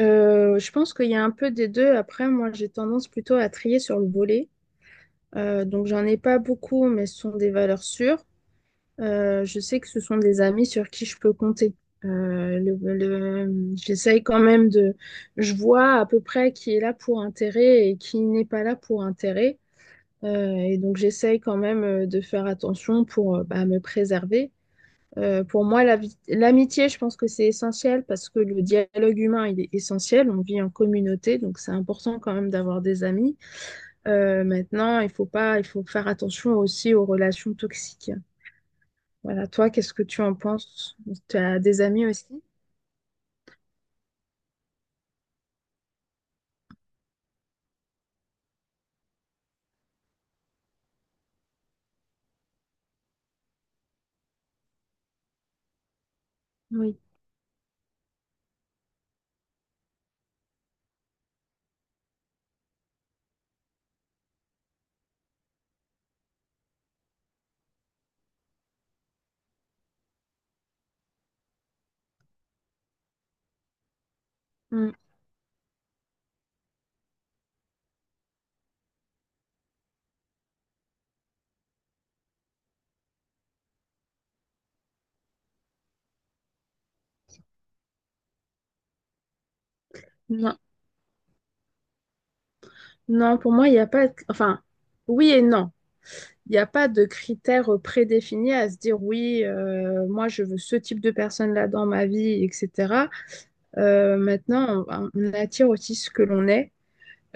Je pense qu'il y a un peu des deux. Après, moi, j'ai tendance plutôt à trier sur le volet. Donc, j'en ai pas beaucoup, mais ce sont des valeurs sûres. Je sais que ce sont des amis sur qui je peux compter. J'essaye quand même de. Je vois à peu près qui est là pour intérêt et qui n'est pas là pour intérêt. Et donc, j'essaye quand même de faire attention pour bah, me préserver. Pour moi, l'amitié, je pense que c'est essentiel parce que le dialogue humain, il est essentiel. On vit en communauté, donc c'est important quand même d'avoir des amis. Maintenant, il faut pas, il faut faire attention aussi aux relations toxiques. Voilà, toi, qu'est-ce que tu en penses? Tu as des amis aussi? Oui. Mm. Non. Non, pour moi, il n'y a pas, enfin, oui et non. Il n'y a pas de critères prédéfinis à se dire oui, moi je veux ce type de personne là dans ma vie, etc. Maintenant, on attire aussi ce que l'on est.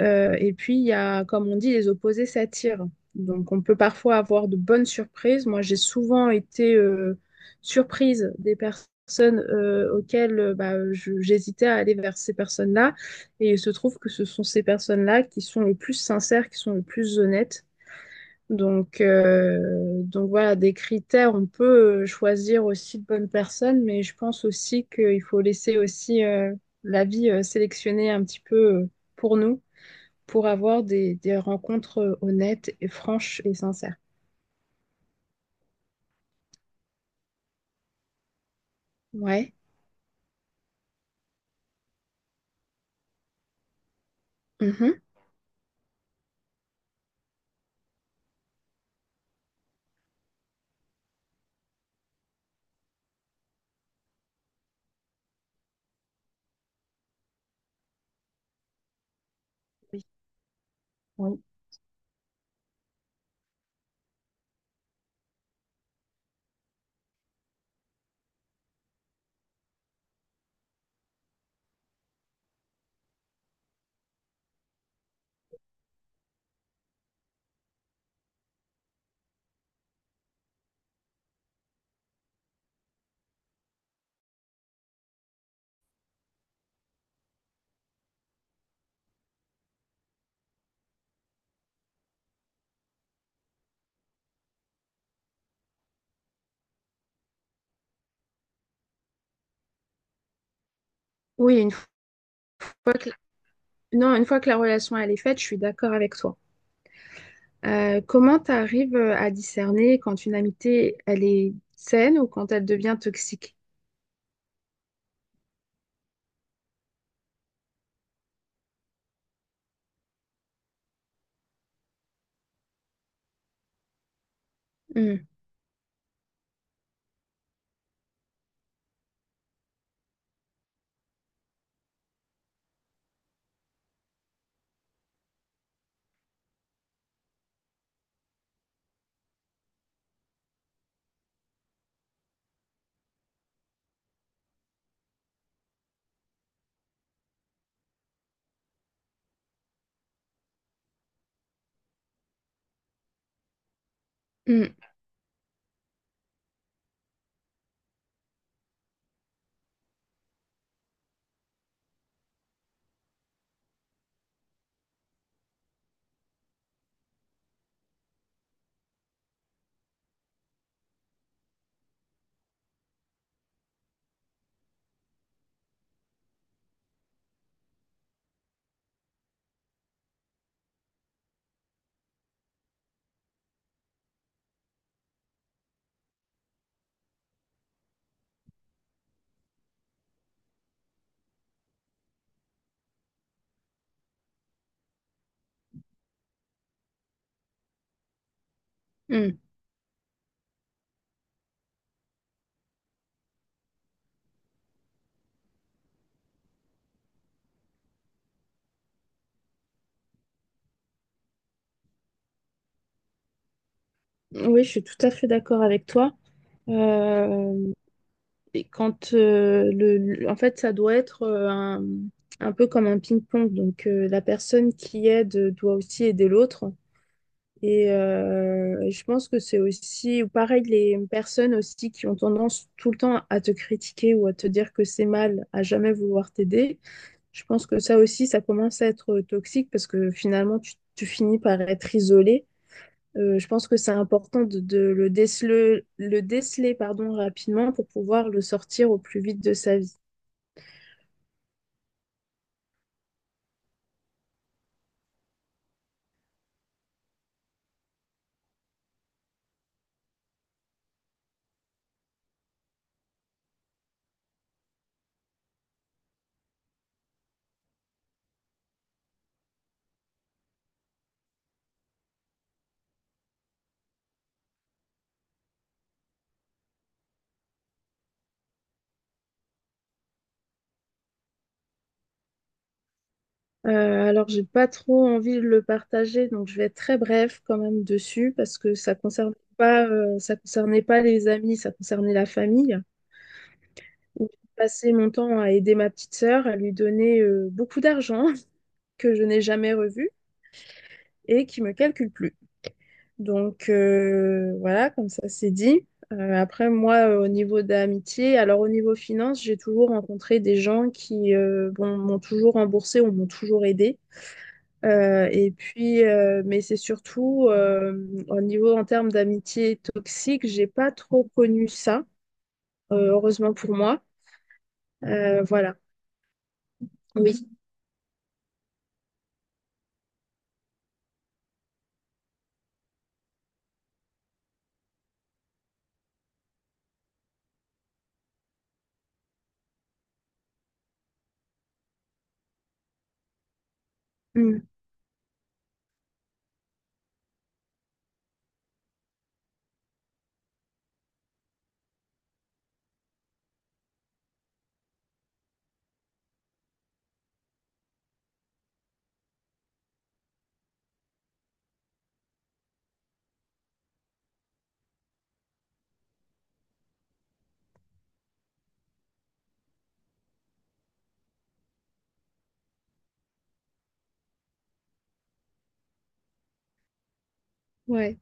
Et puis, il y a, comme on dit, les opposés s'attirent. Donc, on peut parfois avoir de bonnes surprises. Moi, j'ai souvent été surprise des personnes auxquelles bah, j'hésitais à aller vers ces personnes-là. Et il se trouve que ce sont ces personnes-là qui sont les plus sincères, qui sont les plus honnêtes. Donc, euh, donc, voilà, des critères, on peut choisir aussi de bonnes personnes, mais je pense aussi qu'il faut laisser aussi la vie sélectionner un petit peu euh, pour nous, pour avoir des rencontres honnêtes et franches et sincères. Ouais. Mhm. Oui, oui. Oui, que, non, une fois que la relation elle est faite, je suis d'accord avec toi. Comment tu arrives à discerner quand une amitié elle est saine ou quand elle devient toxique? Hmm, hmm, hmm. Oui, je suis tout à fait d'accord avec toi. Euh, et quand en fait, ça doit être un peu comme un ping-pong. Donc, la personne qui aide doit aussi aider l'autre. Et je pense que c'est aussi, ou pareil, les personnes aussi qui ont tendance tout le temps à te critiquer ou à te dire que c'est mal, à jamais vouloir t'aider. Je pense que ça aussi, ça commence à être toxique parce que finalement, tu finis par être isolé. Je pense que c'est important de le déceler, pardon, rapidement pour pouvoir le sortir au plus vite de sa vie. Euh, alors, j'ai pas trop envie de le partager, donc je vais être très bref quand même dessus parce que ça concernait pas les amis, ça concernait la famille. Où j'ai passé mon temps à aider ma petite sœur, à lui donner beaucoup d'argent que je n'ai jamais revu et qui me calcule plus. Donc voilà, comme ça c'est dit. Après, moi, au niveau d'amitié, alors au niveau finance, j'ai toujours rencontré des gens qui bon, m'ont toujours remboursé ou m'ont toujours aidé. Et puis, mais c'est surtout au niveau en termes d'amitié toxique, j'ai pas trop connu ça, heureusement pour moi. Voilà. Oui. Mm. Ouais.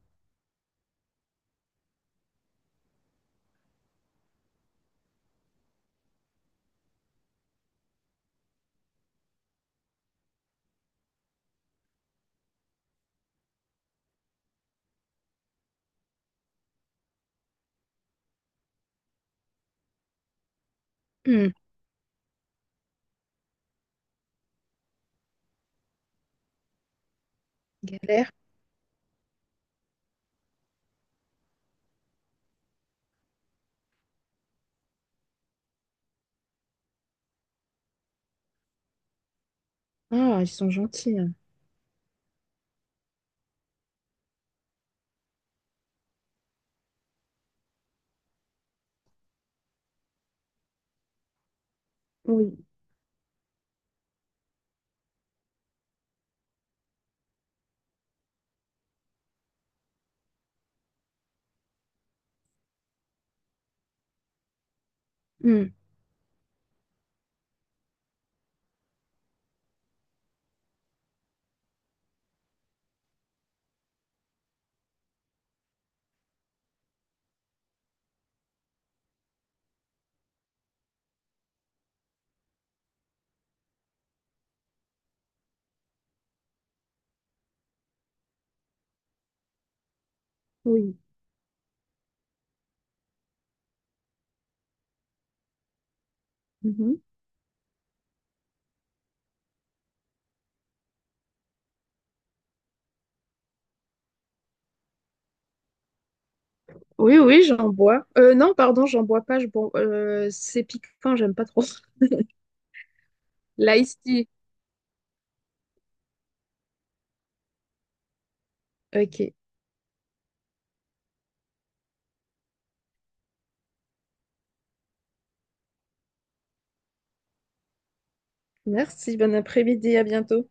Mm. Galère. Ah, ils sont gentils, hein. Oui. Mm. Oui. Mmh. Oui, oui, j'en bois. Non, pardon, j'en bois pas. Je bois, c'est piquant, j'aime pas trop. L'ice tea. Ok. Merci, bon après-midi, à bientôt.